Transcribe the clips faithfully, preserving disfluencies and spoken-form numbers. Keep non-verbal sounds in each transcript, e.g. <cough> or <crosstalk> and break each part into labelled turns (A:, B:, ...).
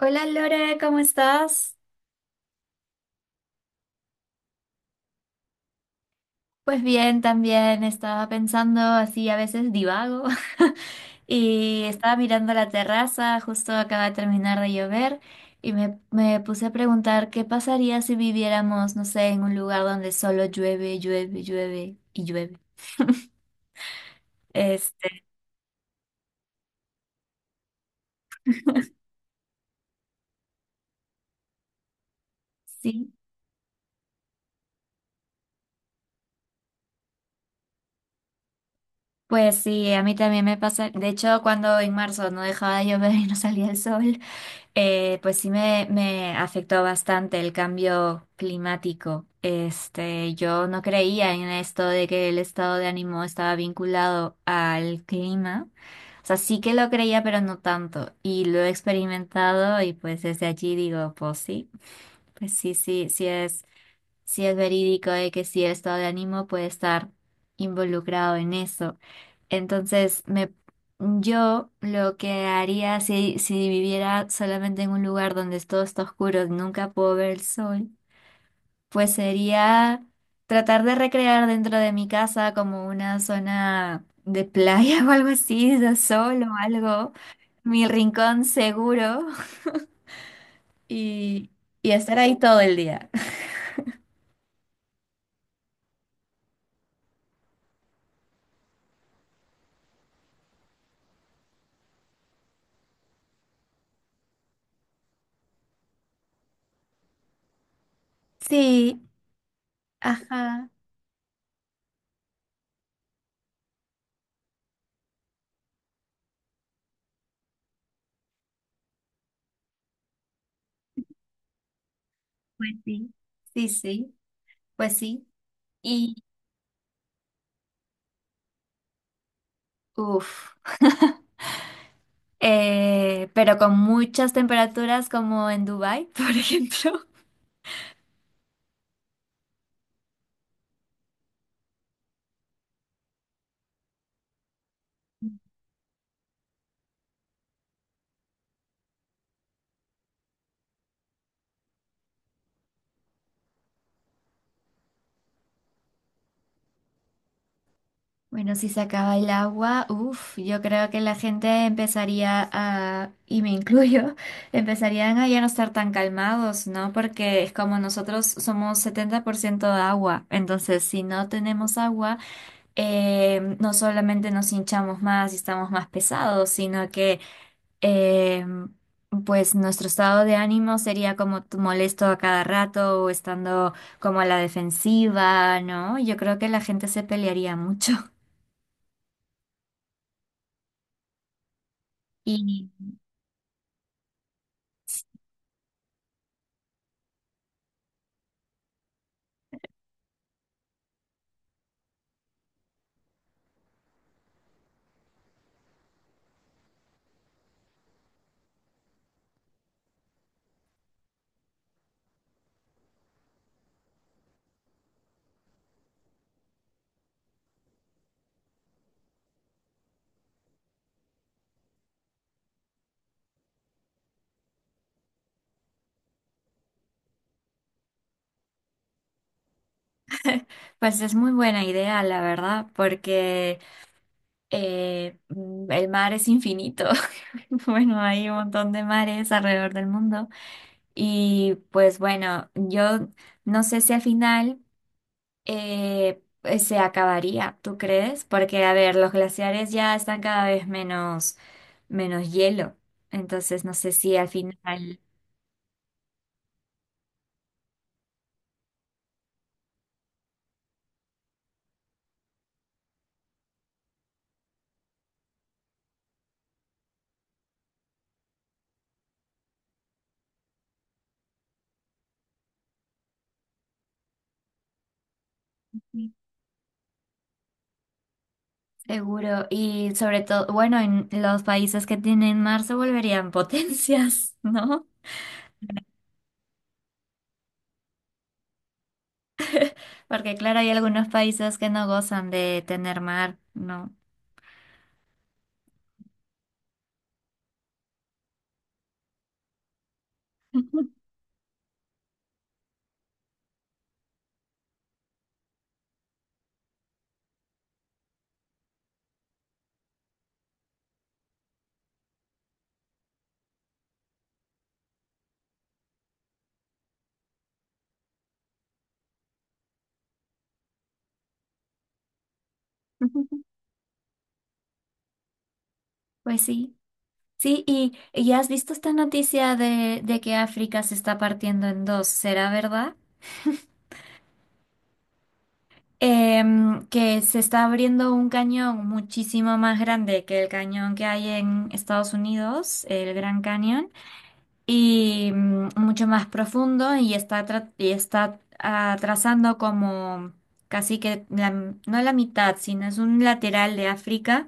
A: Hola Lore, ¿cómo estás? Pues bien, también estaba pensando así, a veces divago, <laughs> y estaba mirando la terraza, justo acaba de terminar de llover, y me, me puse a preguntar qué pasaría si viviéramos, no sé, en un lugar donde solo llueve, llueve, llueve y llueve. Este, sí, pues sí, a mí también me pasa, de hecho, cuando en marzo no dejaba de llover <laughs> y no salía el sol. Eh, pues sí me, me afectó bastante el cambio climático. Este, yo no creía en esto de que el estado de ánimo estaba vinculado al clima. O sea, sí que lo creía, pero no tanto. Y lo he experimentado y pues desde allí digo, pues sí, pues sí, sí, sí, si es verídico de que si el estado de ánimo puede estar involucrado en eso. Entonces, me, yo lo que haría si, si viviera solamente en un lugar donde todo está oscuro y nunca puedo ver el sol, pues sería tratar de recrear dentro de mi casa como una zona de playa <laughs> o algo así, de sol o algo, mi rincón seguro <laughs> y, y estar ahí todo el día. <laughs> Sí, ajá. Pues sí, sí, sí, pues sí. Y, uff, <laughs> eh, pero con muchas temperaturas como en Dubái, <laughs> por ejemplo. Bueno, si se acaba el agua, uff, yo creo que la gente empezaría a, y me incluyo, <laughs> empezarían a ya no estar tan calmados, ¿no? Porque es como nosotros somos setenta por ciento agua, entonces si no tenemos agua, eh, no solamente nos hinchamos más y estamos más pesados, sino que eh, pues nuestro estado de ánimo sería como t- molesto a cada rato o estando como a la defensiva, ¿no? Yo creo que la gente se pelearía mucho. <laughs> Y pues es muy buena idea, la verdad, porque eh, mm, el mar es infinito. <laughs> Bueno, hay un montón de mares alrededor del mundo. Y pues bueno, yo no sé si al final… eh, pues, se acabaría, ¿tú crees? Porque, a ver, los glaciares ya están cada vez menos, menos hielo. Entonces, no sé si al final, sí. Seguro, y sobre todo, bueno, en los países que tienen mar se volverían <laughs> potencias, ¿no? Porque, claro, hay algunos países que no gozan de tener mar, ¿no? <laughs> Pues sí. Sí, y, y has visto esta noticia de, de que África se está partiendo en dos, ¿será verdad? Em, que se está abriendo un cañón muchísimo más grande que el cañón que hay en Estados Unidos, el Gran Cañón, y mm, mucho más profundo y está, tra- y está ah, trazando como casi que la- no la mitad, sino es un lateral de África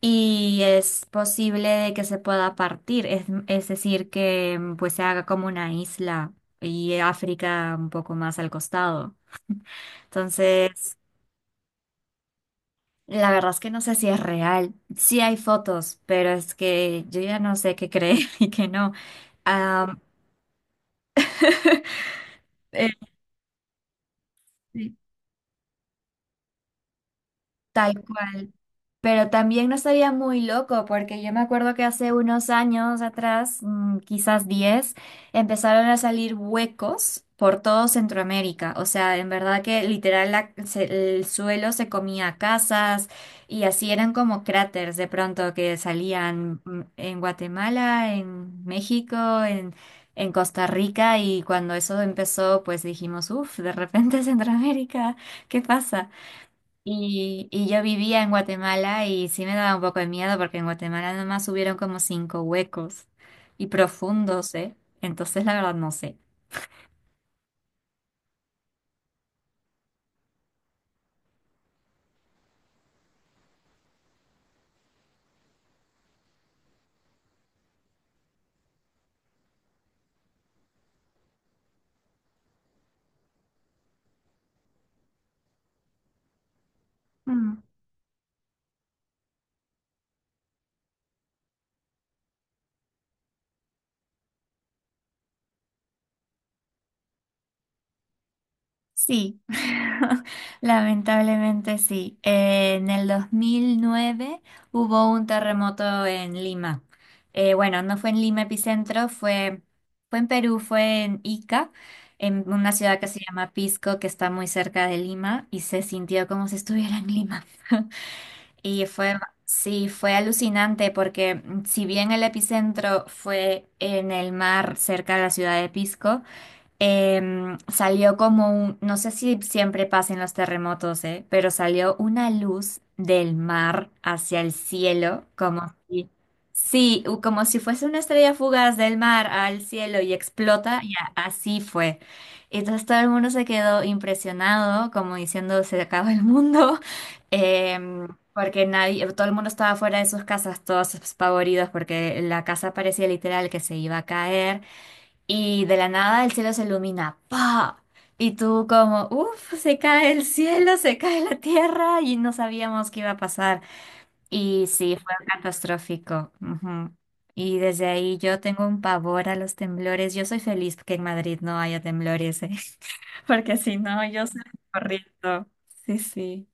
A: y es posible de que se pueda partir, es, es decir, que mm, pues se haga como una isla y África un poco más al costado. Entonces, la verdad es que no sé si es real. Sí hay fotos, pero es que yo ya no sé qué creer <laughs> y qué no. Am, eh, sí, tal cual. Pero también no estaría muy loco, porque yo me acuerdo que hace unos años atrás, mm, quizás diez, empezaron a salir huecos por todo Centroamérica. O sea, en verdad que literal la- se- el suelo se comía casas y así eran como cráteres de pronto que salían mm, en Guatemala, en México, en, en Costa Rica. Y cuando eso empezó, pues dijimos, uff, de repente <laughs> Centroamérica, ¿qué pasa? Y, y yo vivía en Guatemala y sí me daba un poco de miedo porque en Guatemala nomás hubieron como cinco huecos y profundos, ¿eh? Entonces la verdad no sé. Mm, Sí, <laughs> lamentablemente sí. Eh, en el dos mil nueve hubo un terremoto en Lima. Eh, bueno, no fue en Lima epicentro, fue, fue en Perú, fue en Ica, en una ciudad que se llama Pisco, que está muy cerca de Lima, y se sintió como si estuviera en Lima. <laughs> Y fue, sí, fue alucinante porque mm, si bien el epicentro fue en el mar cerca de la ciudad de Pisco, em, salió como un, no sé si siempre pasan los terremotos, eh, pero salió una luz del mar hacia el cielo, como si, sí, u- como si fuese una estrella fugaz del mar al cielo y explota, y a- así fue. Y entonces todo el mundo se quedó impresionado, como diciendo, se acaba el mundo, <laughs> em, porque nadie, todo el mundo estaba fuera de sus casas, todos espavoridos, porque la casa parecía literal que se iba a caer. Y de la nada el cielo se ilumina, ¡pa! Y tú como, uff, se cae el cielo, se cae la tierra y no sabíamos qué iba a pasar. Y sí, fue catastrófico. Ujú. Y desde ahí yo tengo un pavor a los temblores. Yo soy feliz que en Madrid no haya temblores, ¿eh? <laughs> Porque si no, yo salgo corriendo. Sí, sí.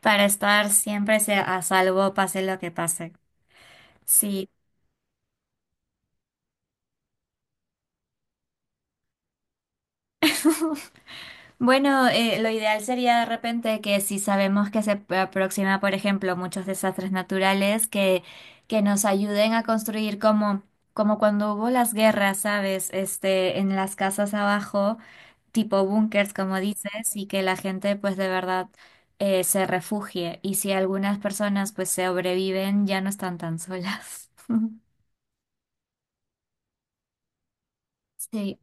A: Para estar siempre se- a salvo, pase lo que pase. Sí. Bueno, eh, lo ideal sería de repente que si sabemos que se p- aproxima, por ejemplo, muchos desastres naturales, que, que nos ayuden a construir como, como cuando hubo las guerras, ¿sabes? Este, en las casas abajo, tipo búnkers, como dices, y que la gente pues de verdad eh, se refugie. Y si algunas personas pues sobreviven, ya no están tan solas. <laughs> Sí,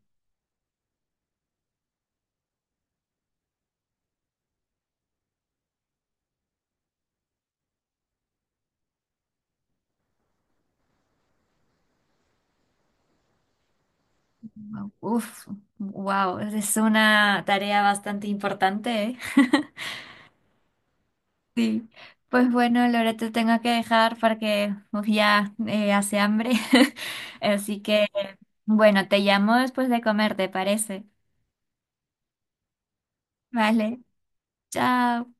A: uf, wow, es una tarea bastante importante, ¿eh? Sí, pues bueno, Laura, te tengo que dejar porque uf, ya eh, hace hambre. <laughs> Así que, bueno, te llamo después de comer, ¿te parece? Vale, chao.